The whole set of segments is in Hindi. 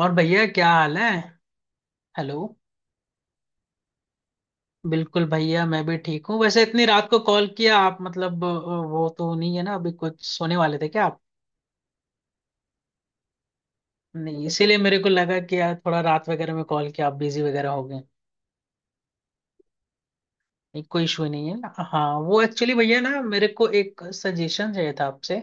और भैया क्या हाल है? हेलो। बिल्कुल भैया, मैं भी ठीक हूँ। वैसे इतनी रात को कॉल किया आप, मतलब वो तो नहीं है ना, अभी कुछ सोने वाले थे क्या आप? नहीं, इसीलिए मेरे को लगा कि यार थोड़ा रात वगैरह में कॉल किया, आप बिजी वगैरह हो गए। नहीं कोई इशू नहीं है। हाँ, वो एक्चुअली भैया ना, मेरे को एक सजेशन चाहिए था आपसे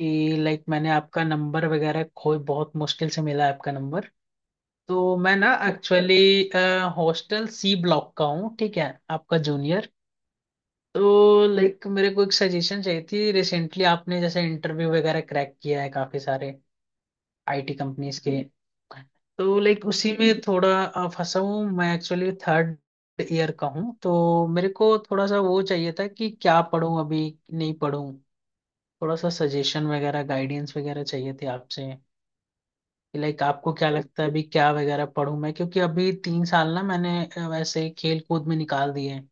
कि लाइक, मैंने आपका नंबर वगैरह खोई, बहुत मुश्किल से मिला है आपका नंबर। तो मैं ना एक्चुअली हॉस्टल सी ब्लॉक का हूँ, ठीक है, आपका जूनियर। तो लाइक मेरे को एक सजेशन चाहिए थी। रिसेंटली आपने जैसे इंटरव्यू वगैरह क्रैक किया है काफी सारे आईटी कंपनीज के, तो लाइक उसी में थोड़ा फंसा हूँ मैं एक्चुअली। थर्ड ईयर का हूँ तो मेरे को थोड़ा सा वो चाहिए था कि क्या पढूं अभी, नहीं पढूं। थोड़ा सा सजेशन वगैरह, गाइडेंस वगैरह चाहिए थे आपसे कि लाइक आपको क्या लगता है अभी क्या वगैरह पढूं मैं, क्योंकि अभी 3 साल ना मैंने वैसे खेल कूद में निकाल दिए हैं।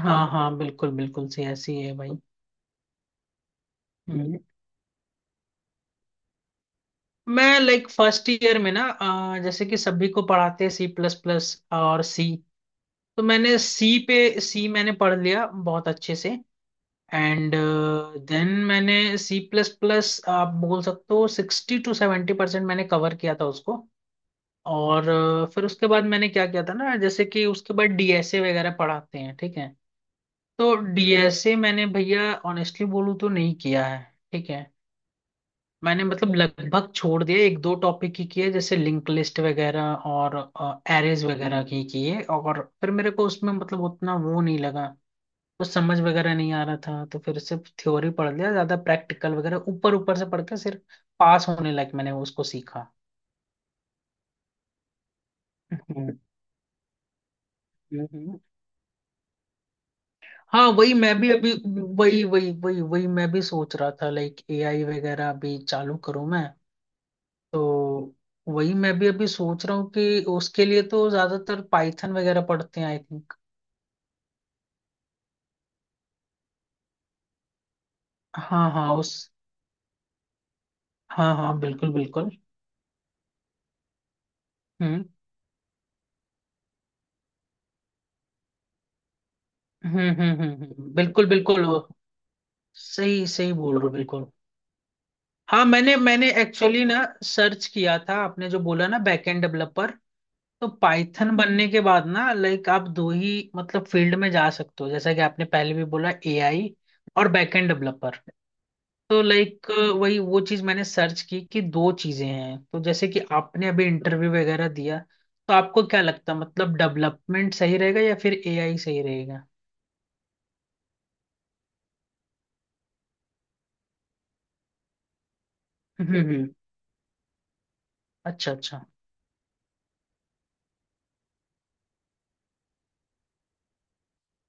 हाँ हाँ, बिल्कुल बिल्कुल, सी ऐसी है भाई। हम्म। मैं लाइक फर्स्ट ईयर में ना जैसे कि सभी को पढ़ाते हैं सी प्लस प्लस और सी, तो मैंने सी पे, सी मैंने पढ़ लिया बहुत अच्छे से। एंड देन मैंने सी प्लस प्लस, आप बोल सकते हो 60 से 70% मैंने कवर किया था उसको। और फिर उसके बाद मैंने क्या किया था ना, जैसे कि उसके बाद डीएसए वगैरह पढ़ाते हैं, ठीक है। तो डीएसए मैंने भैया ऑनेस्टली बोलूँ तो नहीं किया है, ठीक है। मैंने मतलब लगभग छोड़ दिया, एक दो टॉपिक ही किए, जैसे लिंक लिस्ट वगैरह और एरेज वगैरह की किए। और फिर मेरे को उसमें मतलब उतना वो नहीं लगा, कुछ समझ वगैरह नहीं आ रहा था। तो फिर सिर्फ थ्योरी पढ़ लिया, ज्यादा प्रैक्टिकल वगैरह ऊपर ऊपर से पढ़ के, सिर्फ पास होने लायक मैंने उसको सीखा। हम्म। हम्म। हाँ, वही मैं भी अभी, वही वही वही वही मैं भी सोच रहा था, लाइक एआई वगैरह अभी चालू करूँ मैं। तो वही मैं भी अभी सोच रहा हूँ कि उसके लिए तो ज्यादातर पाइथन वगैरह पढ़ते हैं, आई थिंक। हाँ हाँ, उस, हाँ हाँ बिल्कुल बिल्कुल। हम्म बिल्कुल बिल्कुल, वो सही सही बोल रहे हो, बिल्कुल। हाँ, मैंने मैंने एक्चुअली ना सर्च किया था, आपने जो बोला ना बैकएंड डेवलपर, तो पाइथन बनने के बाद ना, लाइक आप दो ही मतलब फील्ड में जा सकते हो, जैसा कि आपने पहले भी बोला, एआई और बैकएंड डेवलपर। तो लाइक वही वो चीज मैंने सर्च की कि दो चीजें हैं। तो जैसे कि आपने अभी इंटरव्यू वगैरह दिया, तो आपको क्या लगता, मतलब डेवलपमेंट सही रहेगा या फिर एआई सही रहेगा? हम्म हम्म, अच्छा अच्छा।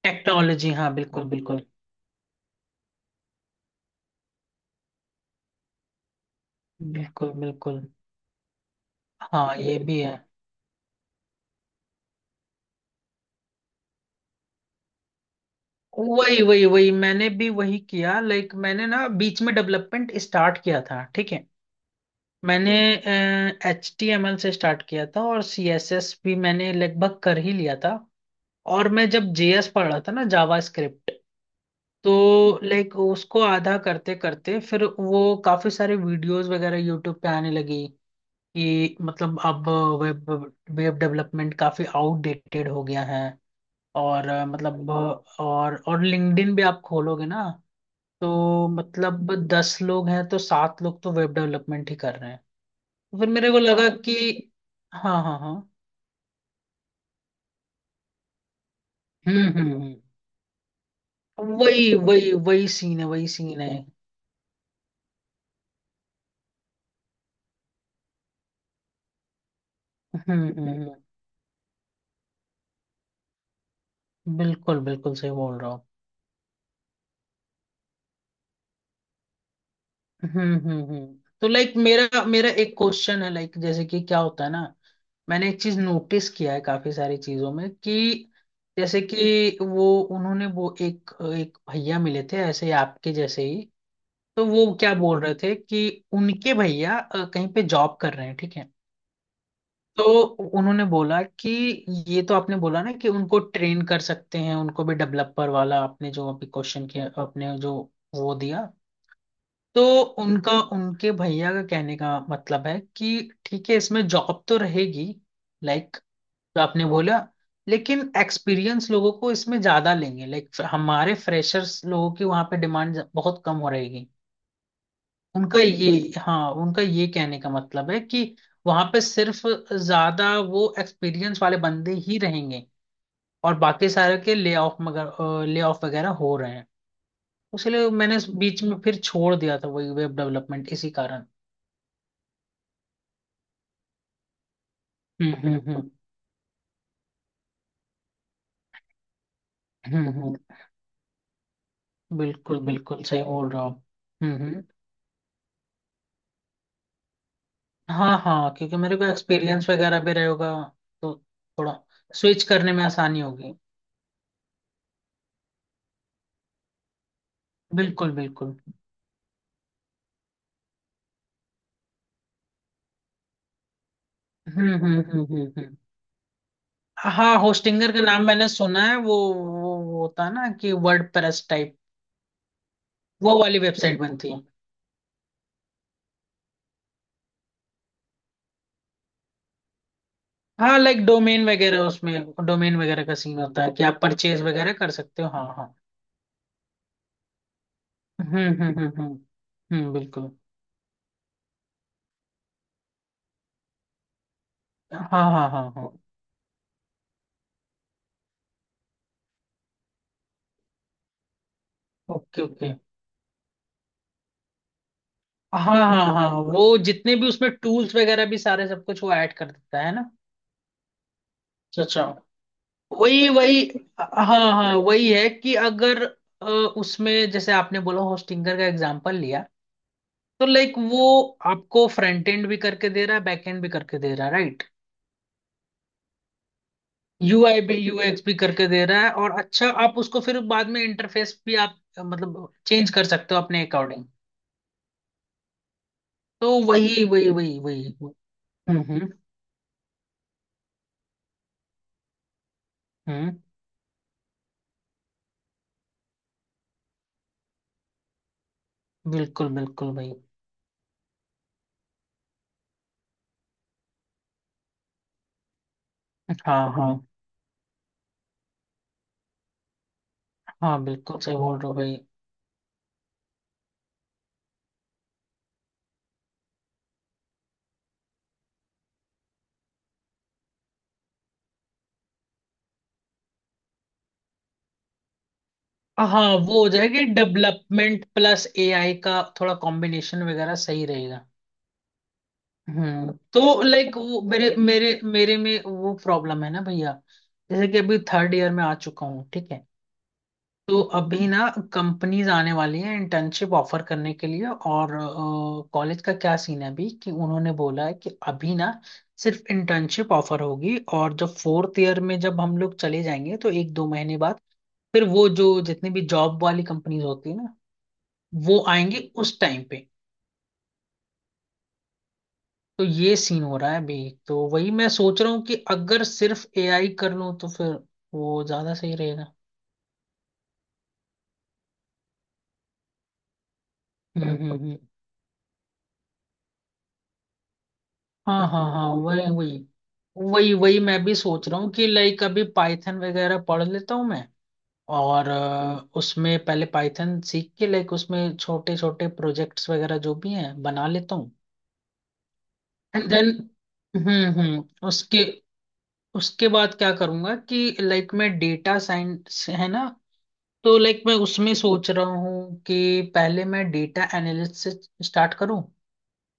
टेक्नोलॉजी, हाँ बिल्कुल बिल्कुल। बिल्कुल बिल्कुल। हाँ, ये भी है। वही वही वही, मैंने भी वही किया। लाइक मैंने ना बीच में डेवलपमेंट स्टार्ट किया था, ठीक है। मैंने एच टी एम एल से स्टार्ट किया था, और सी एस एस भी मैंने लगभग कर ही लिया था। और मैं जब जेएस पढ़ रहा था ना, जावा स्क्रिप्ट, तो लाइक उसको आधा करते करते, फिर वो काफी सारे वीडियोस वगैरह यूट्यूब पे आने लगी कि मतलब अब वेब, वेब डेवलपमेंट काफी आउटडेटेड हो गया है। और मतलब और लिंक्डइन भी आप खोलोगे ना, तो मतलब 10 लोग हैं तो सात लोग तो वेब डेवलपमेंट ही कर रहे हैं। तो फिर मेरे को लगा कि, हाँ हाँ हाँ। हम्म। वही वही वही सीन है, वही सीन है। हम्म, बिल्कुल बिल्कुल सही बोल रहा हूँ। हम्म। तो लाइक मेरा मेरा एक क्वेश्चन है, लाइक जैसे कि क्या होता है ना, मैंने एक चीज नोटिस किया है काफी सारी चीजों में कि जैसे कि वो, उन्होंने वो एक, एक भैया मिले थे ऐसे ही आपके जैसे ही, तो वो क्या बोल रहे थे कि उनके भैया कहीं पे जॉब कर रहे हैं, ठीक है। तो उन्होंने बोला कि, ये तो आपने बोला ना कि उनको ट्रेन कर सकते हैं, उनको भी डेवलपर वाला, आपने जो अभी क्वेश्चन किया आपने जो वो दिया। तो उनका, उनके भैया का कहने का मतलब है कि, ठीक है इसमें जॉब तो रहेगी, लाइक जो आपने बोला, लेकिन एक्सपीरियंस लोगों को इसमें ज्यादा लेंगे, लाइक हमारे फ्रेशर्स लोगों की वहां पे डिमांड बहुत कम हो रहेगी। उनका ये, हाँ उनका ये कहने का मतलब है कि वहां पे सिर्फ ज्यादा वो एक्सपीरियंस वाले बंदे ही रहेंगे, और बाकी सारे के ले ऑफ, मगर ले ऑफ वगैरह हो रहे हैं। इसलिए मैंने बीच में फिर छोड़ दिया था, वही वेब डेवलपमेंट इसी कारण। Hmm hmm hmm hmm, hmm, बिल्कुल बिल्कुल सही बोल रहा हूँ। हम्म हम्म, हाँ हाँ, क्योंकि मेरे को एक्सपीरियंस वगैरह भी रहेगा, तो थोड़ा स्विच करने में आसानी होगी। बिल्कुल बिल्कुल। हम्म। हम्म। हाँ, होस्टिंगर का नाम मैंने सुना है। वो होता है ना कि वर्ड प्रेस टाइप, वो वाली वेबसाइट बनती है। हाँ, लाइक डोमेन वगैरह उसमें, डोमेन वगैरह का सीन होता है कि आप परचेज वगैरह कर सकते हो, हाँ हाँ। हम्म हम्म हम्म हम्म बिल्कुल। हाँ हाँ हाँ हाँ। Okay okay. हाँ हाँ हाँ, वो जितने भी उसमें टूल्स वगैरह भी सारे सब कुछ वो ऐड कर देता है ना। अच्छा अच्छा, वही वही। हाँ। हाँ, वही है कि अगर उसमें जैसे आपने बोला होस्टिंगर का एग्जांपल लिया, तो लाइक वो आपको फ्रंट एंड भी करके दे रहा है, बैक एंड भी करके दे रहा है, राइट? यूआई भी, यूएक्स भी करके दे रहा है। और अच्छा, आप उसको फिर बाद में इंटरफेस भी आप मतलब चेंज कर सकते हो अपने अकॉर्डिंग। तो वही वही वही वही। हम्म हम्म हम्म, बिल्कुल बिल्कुल भाई। हाँ हाँ हाँ बिल्कुल सही बोल रहे हो भाई। हाँ, वो हो जाएगा, डेवलपमेंट प्लस एआई का थोड़ा कॉम्बिनेशन वगैरह सही रहेगा। हम्म। तो लाइक वो मेरे मेरे मेरे में वो प्रॉब्लम है ना भैया, जैसे कि अभी थर्ड ईयर में आ चुका हूँ, ठीक है। तो अभी ना कंपनीज आने वाली है इंटर्नशिप ऑफर करने के लिए, और कॉलेज का क्या सीन है अभी कि उन्होंने बोला है कि अभी ना सिर्फ इंटर्नशिप ऑफर होगी, और जब फोर्थ ईयर में जब हम लोग चले जाएंगे तो एक दो महीने बाद फिर वो जो जितनी भी जॉब वाली कंपनीज होती है ना, वो आएंगी उस टाइम पे। तो ये सीन हो रहा है अभी। तो वही मैं सोच रहा हूँ कि अगर सिर्फ एआई कर लूँ तो फिर वो ज्यादा सही रहेगा। हम्म हम्म, हम्म। हाँ हाँ हाँ। वही वही, वही वही मैं भी सोच रहा हूँ कि लाइक अभी पाइथन वगैरह पढ़ लेता हूँ मैं, और उसमें पहले पाइथन सीख के लाइक उसमें छोटे छोटे प्रोजेक्ट्स वगैरह जो भी हैं बना लेता हूँ। एंड देन, हम्म, उसके उसके बाद क्या करूंगा कि लाइक, मैं डेटा साइंस है ना, तो लाइक मैं उसमें सोच रहा हूँ कि पहले मैं डेटा एनालिस्ट से स्टार्ट करूँ,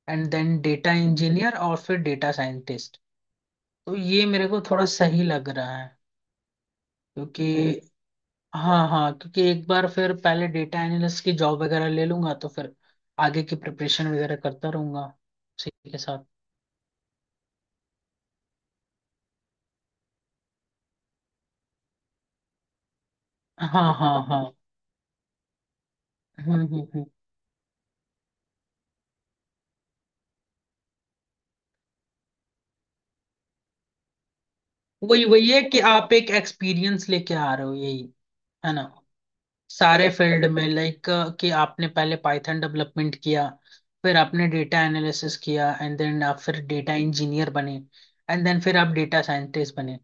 एंड देन डेटा इंजीनियर, और फिर डेटा साइंटिस्ट। तो ये मेरे को थोड़ा सही लग रहा है, क्योंकि हाँ हाँ, क्योंकि एक बार फिर पहले डेटा एनालिस्ट की जॉब वगैरह ले लूंगा तो फिर आगे की प्रिपरेशन वगैरह करता रहूंगा उसी के साथ। हाँ हाँ हाँ। हम्म। वही वही है कि आप एक एक्सपीरियंस लेके आ रहे हो यही, है ना, सारे फील्ड में, लाइक कि आपने पहले पाइथन डेवलपमेंट किया, फिर आपने डेटा एनालिसिस किया, एंड देन आप फिर डेटा इंजीनियर बने, एंड देन फिर आप डेटा साइंटिस्ट बने।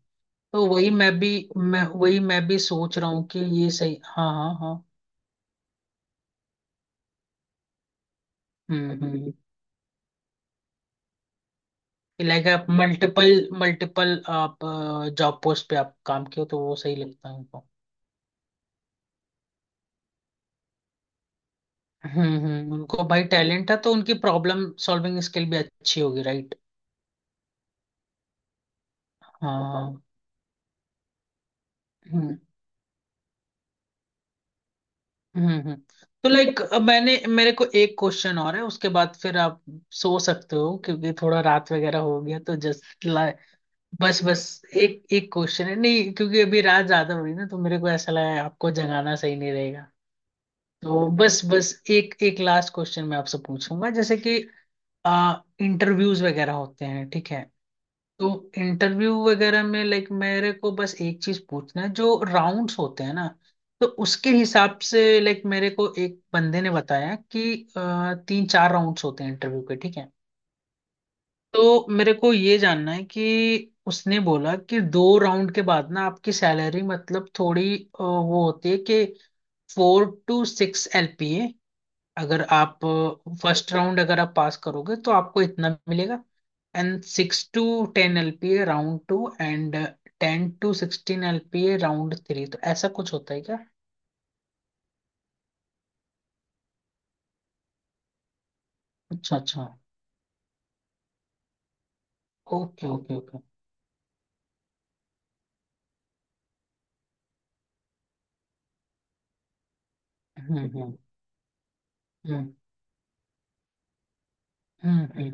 तो वही मैं भी, मैं वही, मैं भी सोच रहा हूँ कि ये सही, हाँ हाँ हाँ। हम्म। लाइक आप मल्टीपल मल्टीपल आप जॉब पोस्ट पे आप काम किए हो, तो वो सही लगता है उनको। हम्म, उनको भाई टैलेंट है तो उनकी प्रॉब्लम सॉल्विंग स्किल भी अच्छी होगी, राइट? हाँ हाँ, हाँ। हम्म हम्म हम्म। तो लाइक मैंने, मेरे को एक क्वेश्चन और है, उसके बाद फिर आप सो सकते हो, क्योंकि थोड़ा रात वगैरह हो गया। तो जस्ट, बस बस, एक एक क्वेश्चन है, नहीं क्योंकि अभी रात ज्यादा हो रही ना तो मेरे को ऐसा लगा आपको जगाना सही नहीं रहेगा। तो बस बस, एक एक लास्ट क्वेश्चन मैं आपसे पूछूंगा, जैसे कि आ इंटरव्यूज वगैरह होते हैं, ठीक है। तो इंटरव्यू वगैरह में लाइक मेरे को बस एक चीज पूछना है, जो राउंड्स होते हैं ना, तो उसके हिसाब से लाइक मेरे को एक बंदे ने बताया कि तीन चार राउंड्स होते हैं इंटरव्यू के, ठीक है। तो मेरे को ये जानना है कि उसने बोला कि दो राउंड के बाद ना आपकी सैलरी मतलब थोड़ी वो होती है, कि फोर टू सिक्स एलपीए, अगर आप फर्स्ट राउंड अगर आप पास करोगे तो आपको इतना मिलेगा, and 6 to 10 LPA round two, and 10 to 16 LPA round three. तो ऐसा कुछ होता है क्या? अच्छा अच्छा। Okay okay okay. Hmm hmm hmm hmm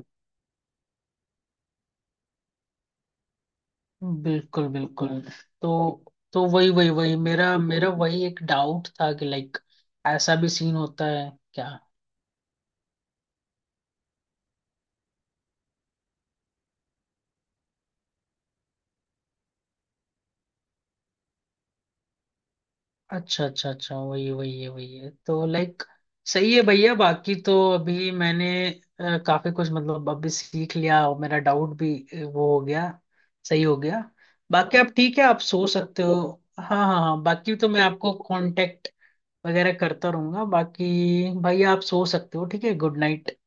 बिल्कुल बिल्कुल। तो तो वही वही वही, मेरा मेरा वही एक डाउट था कि लाइक ऐसा भी सीन होता है क्या? अच्छा अच्छा अच्छा, वही वही है, वही है। तो लाइक सही है भैया, बाकी तो अभी मैंने काफी कुछ मतलब अभी सीख लिया, और मेरा डाउट भी वो हो गया, सही हो गया। बाकी आप, ठीक है, आप सो सकते हो। हाँ हाँ हाँ, बाकी तो मैं आपको कांटेक्ट वगैरह करता रहूंगा। बाकी भैया आप सो सकते हो, ठीक है, गुड नाइट।